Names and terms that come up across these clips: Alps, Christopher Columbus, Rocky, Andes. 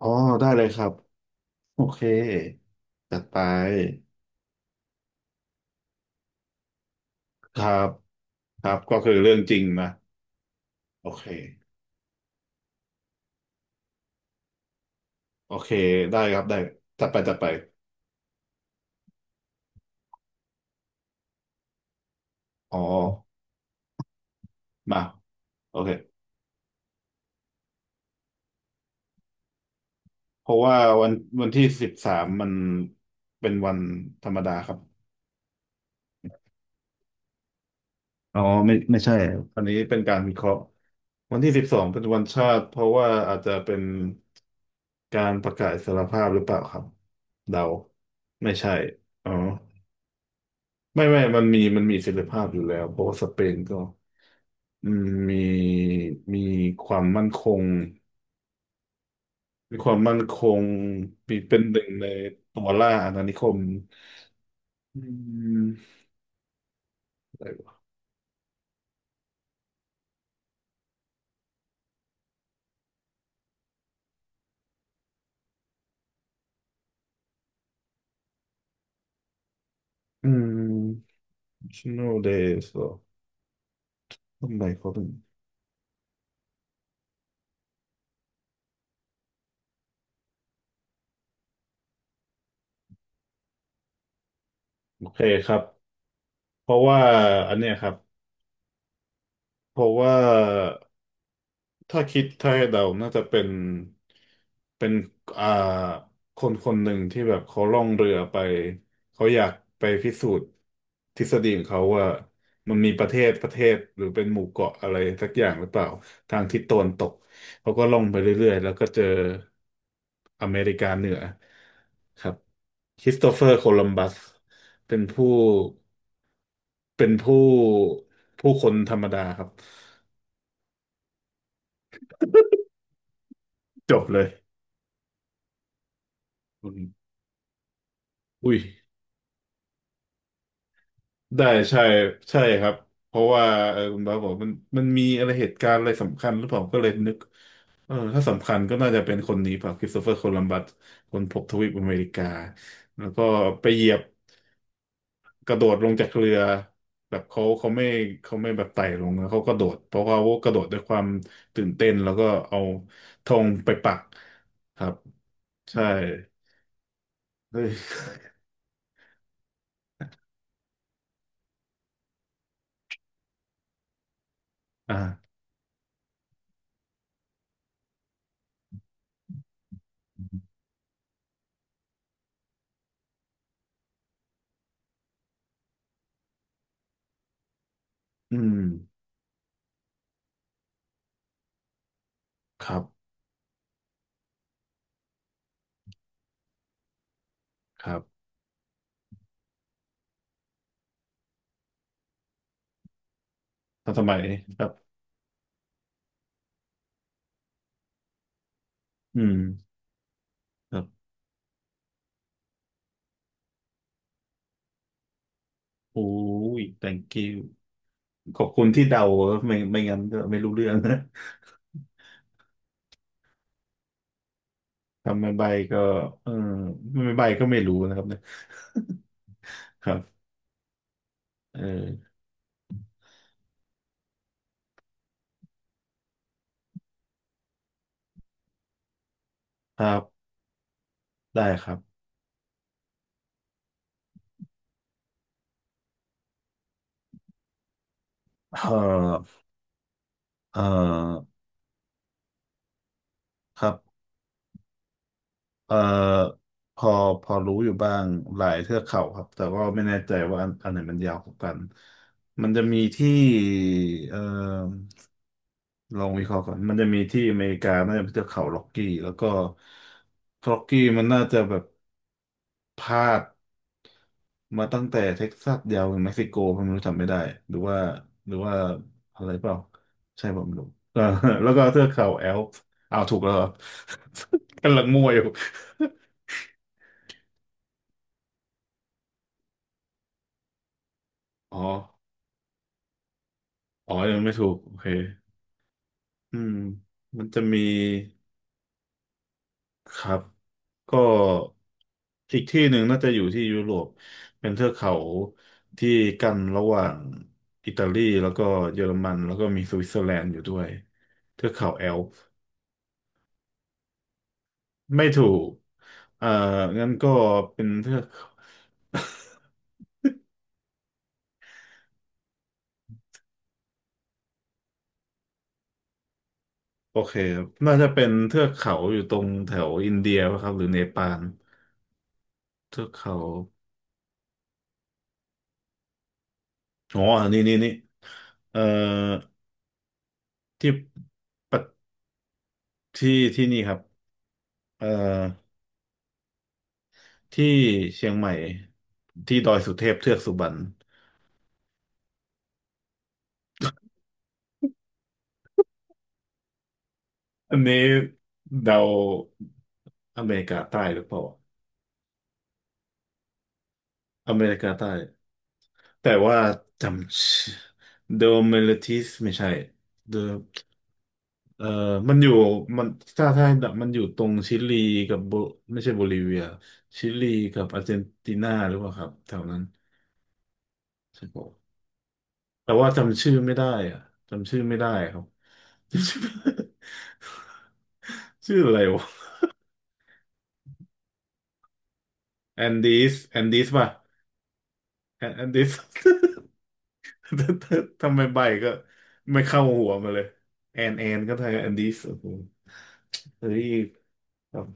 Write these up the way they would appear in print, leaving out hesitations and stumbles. อ๋อได้เลยครับโอเคจัดไปครับครับก็คือเรื่องจริงนะโอเคโอเคได้ครับได้จัดไปจัดไปอ๋อมาโอเคเพราะว่าวันวันที่13มันเป็นวันธรรมดาครับอ๋อไม่ไม่ใช่อันนี้เป็นการวิเคราะห์วันที่12เป็นวันชาติเพราะว่าอาจจะเป็นการประกาศอิสรภาพหรือเปล่าครับเดาไม่ใช่อ๋อ ไม่ไม่มันมีเสรีภาพอยู่แล้วเพราะว่าสเปนก็อืมมีมีความมั่นคงมีความมั่นคงมีเป็นหนึ่งในตัวล่าอาณานิคมอืมอะไรวะอืม national days เหรอทำไมเขาถึงโอเคครับเพราะว่าอันเนี้ยครับเพราะว่า ถ้าคิดถ้าให้เดาน่าจะเป็น เป็นอ่าคนคนหนึ่งที่แบบเขาล่องเรือไป เขาอยากไปพิสูจน์ทฤษฎีของเขาว่า มันมีประเทศหรือเป็นหมู่เกาะอะไรสักอย่างหรือเปล่าทางทิศตะวันตก เขาก็ล่องไปเรื่อยๆ แล้วก็เจออเมริกาเหนือครับคริสโตเฟอร์โคลัมบัสเป็นผู้เป็นผู้ ผู้คนธรรมดาครับจบเลย อุ้ย ได้ใช่ใช่ครับเพราะว่าเออคุณบาสบอกมันมันมีอะไรเหตุการณ์อะไรสำคัญหรือเปล่าก็เลยนึกเออถ้าสำคัญก็น่าจะเป็นคนนี้เปล่าคริสโตเฟอร์โคลัมบัสคนพบทวีปอเมริกาแล้วก็ไปเหยียบกระโดดลงจากเรือแบบเขาไม่แบบไต่ลงนะเขากระโดดเพราะว่าเขากระโดดด้วยความตื่นเต้นแล้วก็เอาธงไปปักครับใช่ เฮ้ยอ่าอืมครับครับทันสมัยครับอืม โอ้ย thank you ขอบคุณที่เดาไม่ไม่งั้นก็ไม่รู้เรื่อง นะทำไม่ใบก็เออไม่ใบก็ไม่รู้นะครับเนี่ย ครับเออครับได้ครับเออเออครับเออพอพอรู้อยู่บ้างหลายเทือกเขาครับแต่ว่าไม่แน่ใจว่าอันไหนมันยาวกว่ากันมันจะมีที่เออลองวิเคราะห์ก่อนมันจะมีที่อเมริกาน่าจะเป็นเทือกเขาล็อกกี้แล้วก็ล็อกกี้มันน่าจะแบบ พลาดมาตั้งแต่เท็กซัสยาวถึงเม็กซิโกผมไม่รู้จำไม่ได้หรือว่าหรือว่าอะไรเปล่าใช่ผมไม่รู้ เออแล้วก็เทือกเขาแอลป์อ้าวถูกแล้วเหรอ กำลังมั่วอยู่ อ๋ออ๋อยังไม่ถูกโอเคอืมมันจะมีครับก็อีกที่หนึ่งน่าจะอยู่ที่ยุโรปเป็นเทือกเขาที่กั้นระหว่างอิตาลีแล้วก็เยอรมันแล้วก็มีสวิตเซอร์แลนด์อยู่ด้วยเทือกเขาแอลป์ ไม่ถูกเอ่องั้นก็เป็นเทือก โอเคครับน่าจะเป็นเทือกเขาอยู่ตรงแถวอินเดียป่ะครับหรือเนปาลเทือกเขาอ๋อนี่นี่นี่ เอ่อ ที่ปะที่ที่นี่ครับเอ่อที่เชียงใหม่ที่ดอยสุเทพเทือกสุบรรณอันนี้เดาอเมริกาใต้หรือเปล่าอเมริกาใต้แต่ว่าจำเดอเมลิท e สไม่ใช่ The เออมันอยู่มันถ้ามันอยู่ตรงชิลีกับโบไม่ใช่โบลิเวียชิลีกับอาร์เจนตินาหรือเปล่าครับแถวนั้นใช่ปะแต่ว่าจำชื่อไม่ได้อะจำชื่อไม่ได้ครับ จำชื่อ ชื่ออะไรวะแอนดิสแอนดิสป่ะแอนดิส ทำไมใบก็ไม่เข้าหัวมาเลยแอนแอนก็ไทยแอนดิสโอ้โหเฮ้ยครับ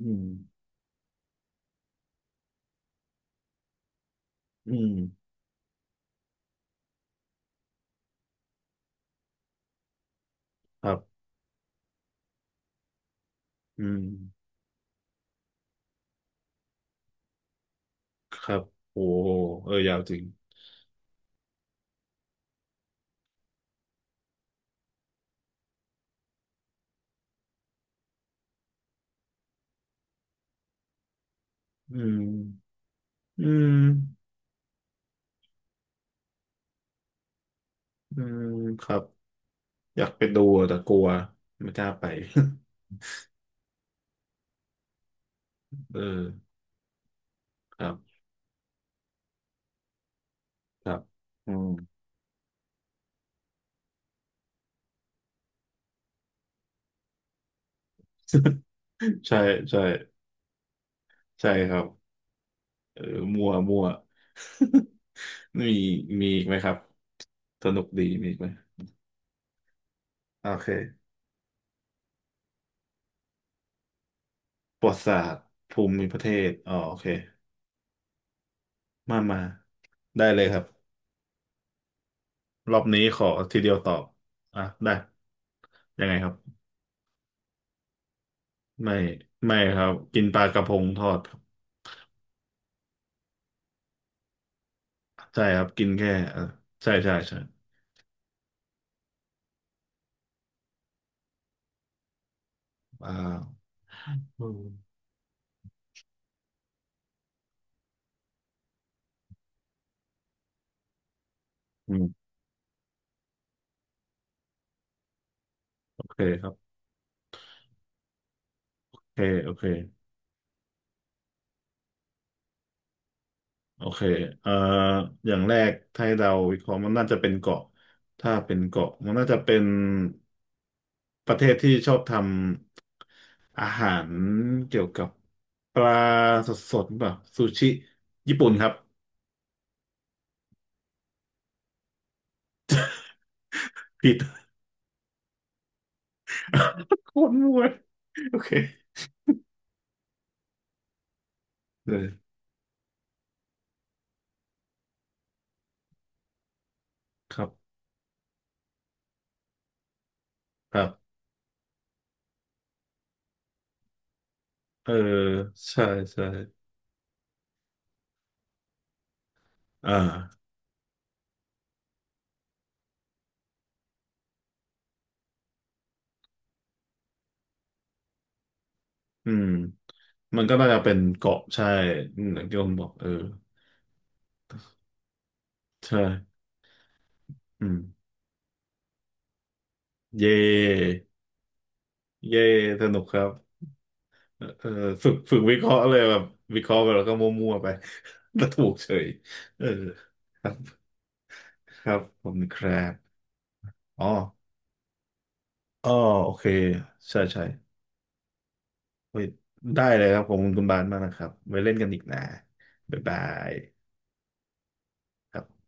อืมอืมครับอืมครับโอ้โหเออยาวจริง อืมอืมอืมครับอยากไปดูอะแต่กลัวไม่กล้าไป เออครับครับอืมใช่ใช่ใช่ครับเออมัวมัว มีมีอีกไหมครับสนุกดีมีอีกไหมโอเคประวัติศาสตร์ภูมิประเทศอ๋อโอเคมามาได้เลยครับรอบนี้ขอทีเดียวตอบอ่ะได้ยังไงครับไม่ไม่ครับกินปลากระพงทอด ใช่ครับกินแค่เออใช่ใช่ใช่อ่าอืมอืมโอเคครับโอเคโอเคโอเคเอ่ออย่างแรกถ้าให้เราวิเคราะห์มันน่าจะเป็นเกาะถ้าเป็นเกาะมันน่าจะเป็นประเทศที่ชอบทำอาหารเกี่ยวกับปลาสดๆแบบซูชิญี่ปุ่นครับผิด โคตรมั่วโอเคเลยครับครับเออใช่ใช่อ่า อืมมันก็น่าจะเป็นเกาะใช่อืมอย่างที่ผมบอกเออใช่อืมเย่เย่สนุกครับเออเออฝึกวิเคราะห์เลยแบบวิเคราะห์ไปแล้วก็มั่วๆไป แล้วถูกเฉยเออครับครับผมครับอ๋ออ๋อโอเคใช่ใช่เฮ้ยได้เลยครับขอบคุณคุณบานมากนะครับไว้เล่นกันอีกนะบ๊ายบายครับ